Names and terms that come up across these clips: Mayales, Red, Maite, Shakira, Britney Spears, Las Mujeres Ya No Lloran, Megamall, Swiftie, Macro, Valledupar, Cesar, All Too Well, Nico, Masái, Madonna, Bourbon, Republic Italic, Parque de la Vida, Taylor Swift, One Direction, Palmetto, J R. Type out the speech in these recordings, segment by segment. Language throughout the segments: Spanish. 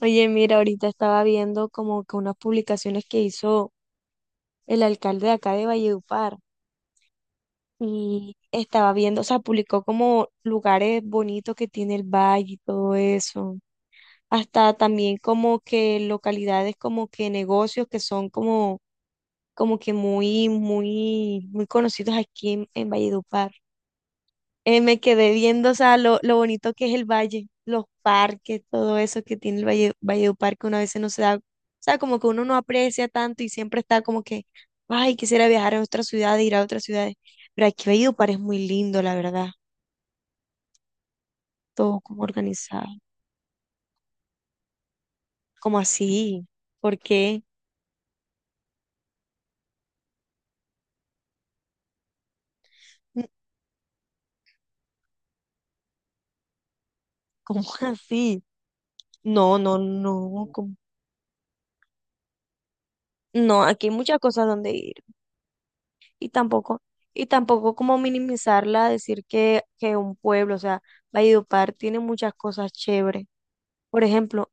Oye, mira, ahorita estaba viendo como que unas publicaciones que hizo el alcalde de acá de Valledupar y estaba viendo, o sea, publicó como lugares bonitos que tiene el valle y todo eso. Hasta también como que localidades como que negocios que son como, como que muy, muy, muy conocidos aquí en Valledupar. Me quedé viendo, o sea, lo bonito que es el valle, los parques, todo eso que tiene el Valledupar, que uno a veces no se da, o sea, como que uno no aprecia tanto y siempre está como que, ay, quisiera viajar a otras ciudades, ir a otras ciudades. Pero aquí Valledupar es muy lindo, la verdad, todo como organizado. ¿Cómo así? ¿Por qué? ¿Cómo así? No, no, no, ¿cómo? No, aquí hay muchas cosas donde ir. y tampoco, y tampoco como minimizarla, decir que un pueblo, o sea, Valledupar tiene muchas cosas chéveres. Por ejemplo,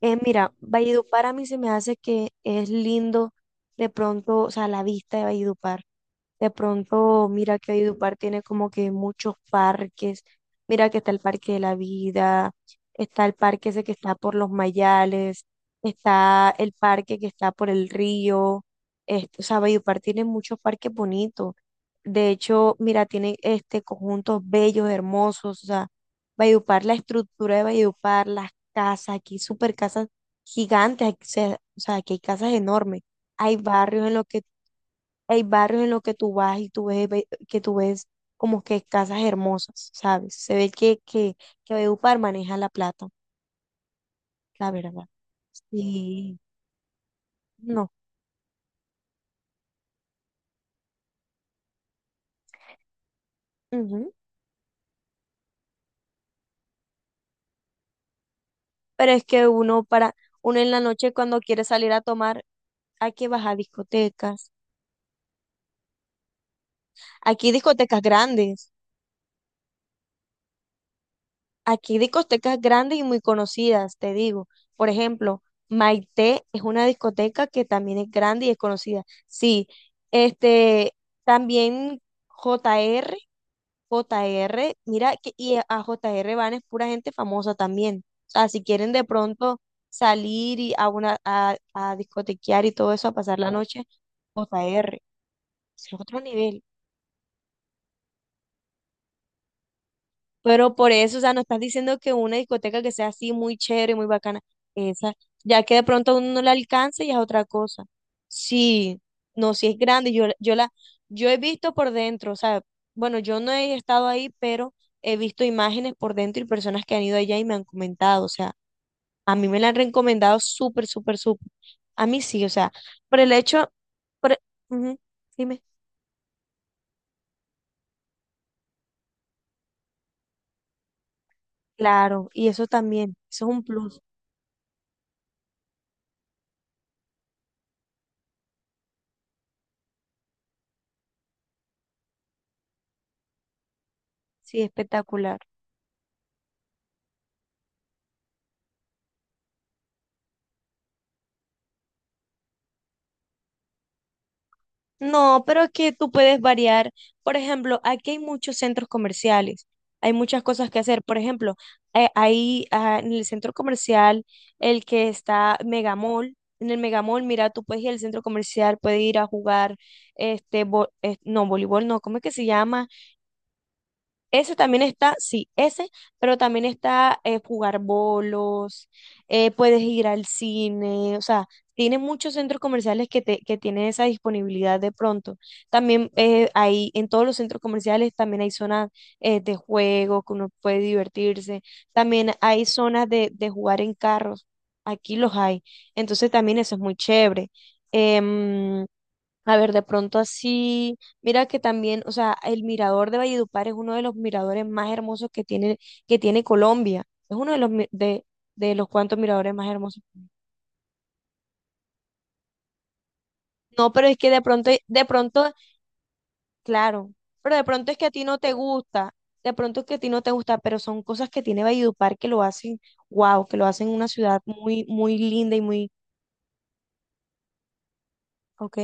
mira, Valledupar a mí se me hace que es lindo de pronto, o sea, la vista de Valledupar. De pronto, mira que Valledupar tiene como que muchos parques. Mira que está el Parque de la Vida, está el parque ese que está por los Mayales, está el parque que está por el río. Este, o sea, Valledupar tiene muchos parques bonitos. De hecho, mira, tiene este conjuntos bellos, hermosos. O sea, Valledupar, la estructura de Valledupar, las casas, aquí super casas gigantes, o sea, aquí hay casas enormes. Hay barrios en los que Hay barrios en los que tú vas y tú ves, que tú ves como que casas hermosas, ¿sabes? Se ve que Valledupar maneja la plata, la verdad. Sí. No. Ujú. Pero es que uno para, Uno en la noche cuando quiere salir a tomar, hay que bajar a discotecas. Aquí hay discotecas grandes, aquí hay discotecas grandes y muy conocidas, te digo. Por ejemplo, Maite es una discoteca que también es grande y es conocida. Sí, este, también JR. Mira, y a JR van es pura gente famosa también. O sea, si quieren de pronto salir a discotequear y todo eso, a pasar la noche, JR es otro nivel. Pero por eso, o sea, no estás diciendo que una discoteca que sea así muy chévere, muy bacana, esa, ya que de pronto a uno no la alcanza y es otra cosa. Sí, no, si es grande, yo he visto por dentro, o sea, bueno, yo no he estado ahí, pero he visto imágenes por dentro y personas que han ido allá y me han comentado, o sea, a mí me la han recomendado súper, súper, súper. A mí sí, o sea, por el hecho, por, ujú, dime, claro, y eso también, eso es un plus, sí, espectacular. No, pero es que tú puedes variar. Por ejemplo, aquí hay muchos centros comerciales, hay muchas cosas que hacer. Por ejemplo, en el centro comercial, el que está Megamall, en el Megamall, mira, tú puedes ir al centro comercial, puedes ir a jugar, no, voleibol, no, ¿cómo es que se llama? Eso también está, sí, ese, pero también está jugar bolos, puedes ir al cine, o sea, tiene muchos centros comerciales que tienen esa disponibilidad de pronto. También hay, en todos los centros comerciales también hay zonas de juego que uno puede divertirse, también hay zonas de jugar en carros, aquí los hay, entonces también eso es muy chévere. Em, a ver, de pronto así, mira que también, o sea, el mirador de Valledupar es uno de los miradores más hermosos que tiene Colombia. Es uno de los mi- De los cuantos miradores más hermosos. No, pero es que de pronto, claro, pero de pronto es que a ti no te gusta, de pronto es que a ti no te gusta, pero son cosas que tiene Valledupar que lo hacen, wow, que lo hacen una ciudad muy, muy linda y muy, ok.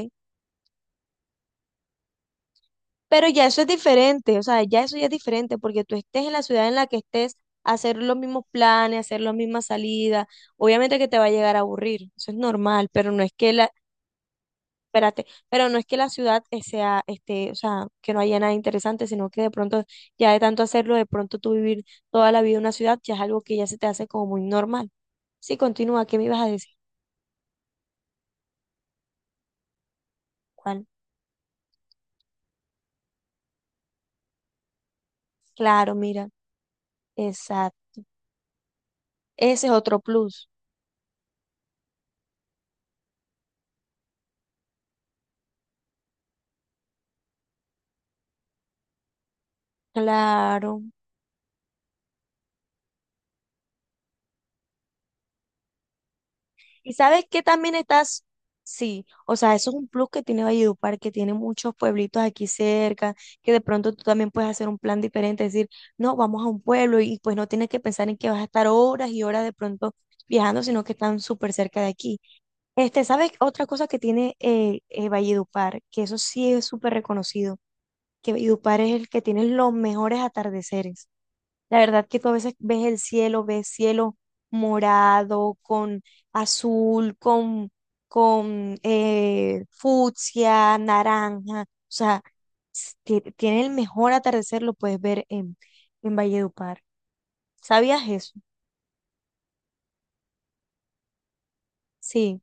Pero ya eso es diferente, o sea, ya eso ya es diferente, porque tú estés en la ciudad en la que estés, hacer los mismos planes, hacer las mismas salidas, obviamente que te va a llegar a aburrir, eso es normal, pero no es que la, espérate, pero no es que la ciudad o sea, que no haya nada interesante, sino que de pronto, ya de tanto hacerlo, de pronto tú vivir toda la vida en una ciudad, ya es algo que ya se te hace como muy normal. Sí, continúa, ¿qué me ibas a decir? ¿Cuál? Claro, mira, exacto, ese es otro plus, claro. Y sabes que también estás, sí, o sea, eso es un plus que tiene Valledupar, que tiene muchos pueblitos aquí cerca, que de pronto tú también puedes hacer un plan diferente, decir, no, vamos a un pueblo y pues no tienes que pensar en que vas a estar horas y horas de pronto viajando, sino que están súper cerca de aquí. Este, ¿sabes otra cosa que tiene Valledupar? Que eso sí es súper reconocido, que Valledupar es el que tiene los mejores atardeceres. La verdad que tú a veces ves el cielo, ves cielo morado, con azul, con fucsia, naranja. O sea, tiene el mejor atardecer, lo puedes ver en Valledupar. ¿Sabías eso? Sí,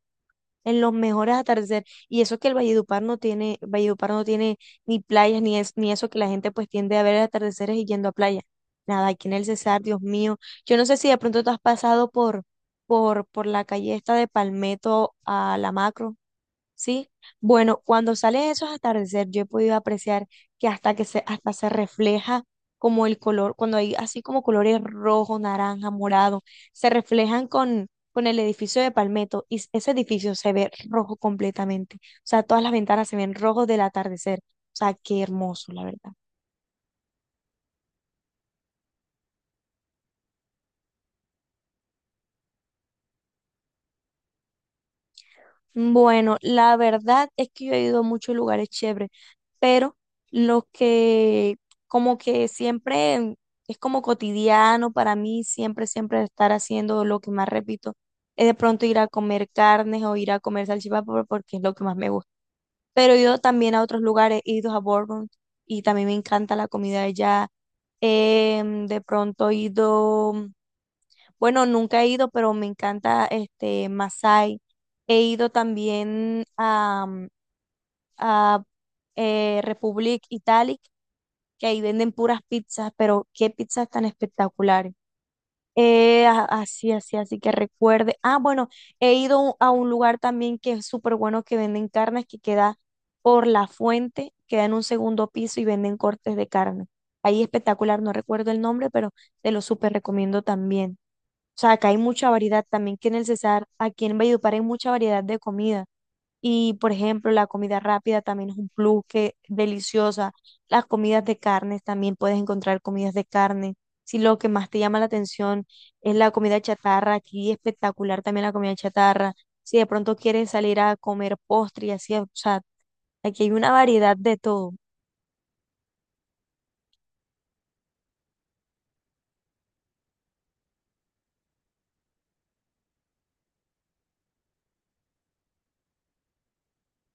en los mejores atardeceres. Y eso que el Valledupar no tiene ni playas, ni, es, ni eso que la gente pues tiende a ver atardeceres y yendo a playa. Nada, aquí en el Cesar, Dios mío. Yo no sé si de pronto tú has pasado por la calle esta de Palmetto a la Macro. ¿Sí? Bueno, cuando salen esos atardeceres, yo he podido apreciar que hasta que se, hasta se refleja como el color, cuando hay así como colores rojo, naranja, morado, se reflejan con el edificio de Palmetto y ese edificio se ve rojo completamente. O sea, todas las ventanas se ven rojos del atardecer. O sea, qué hermoso, la verdad. Bueno, la verdad es que yo he ido a muchos lugares chéveres, pero los que como que siempre es como cotidiano para mí, siempre, siempre estar haciendo lo que más repito, es de pronto ir a comer carnes o ir a comer salchipapa porque es lo que más me gusta. Pero he ido también a otros lugares, he ido a Bourbon y también me encanta la comida de allá. De pronto he ido bueno, nunca he ido, pero me encanta este Masái. He ido también a Republic Italic, que ahí venden puras pizzas, pero qué pizzas tan espectaculares. Así que recuerde. Ah, bueno, he ido a un lugar también que es súper bueno que venden carnes, que queda por la fuente, queda en un segundo piso y venden cortes de carne. Ahí espectacular, no recuerdo el nombre, pero te lo súper recomiendo también. O sea, acá hay mucha variedad, también que en el Cesar, aquí en Valledupar hay mucha variedad de comida. Y, por ejemplo, la comida rápida también es un plus que deliciosa. Las comidas de carnes también puedes encontrar comidas de carne. Si lo que más te llama la atención es la comida chatarra, aquí espectacular también la comida chatarra. Si de pronto quieres salir a comer postre y así, o sea, aquí hay una variedad de todo.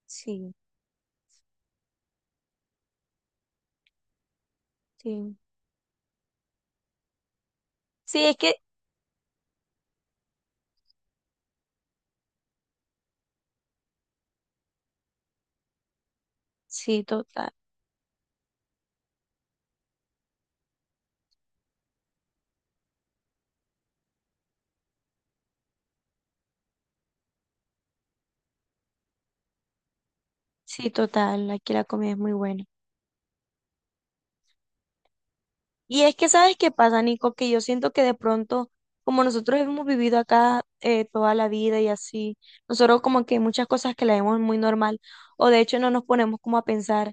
Sí, sí. Sí, es que, sí, total. Sí, total. Aquí la comida es muy buena. Y es que, ¿sabes qué pasa, Nico? Que yo siento que de pronto, como nosotros hemos vivido acá toda la vida y así, nosotros como que hay muchas cosas que la vemos muy normal, o de hecho no nos ponemos como a pensar.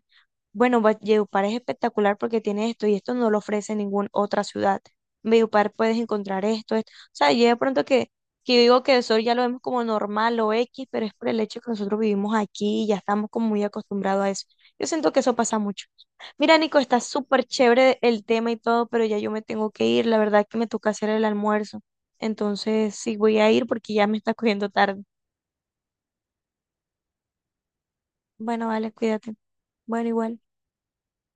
Bueno, Valledupar es espectacular porque tiene esto y esto no lo ofrece ninguna otra ciudad. En Valledupar puedes encontrar esto, esto. O sea, yo de pronto que yo digo que eso ya lo vemos como normal o X, pero es por el hecho que nosotros vivimos aquí y ya estamos como muy acostumbrados a eso. Yo siento que eso pasa mucho. Mira, Nico, está súper chévere el tema y todo, pero ya yo me tengo que ir. La verdad que me toca hacer el almuerzo. Entonces, sí, voy a ir porque ya me está cogiendo tarde. Bueno, vale, cuídate. Bueno, igual.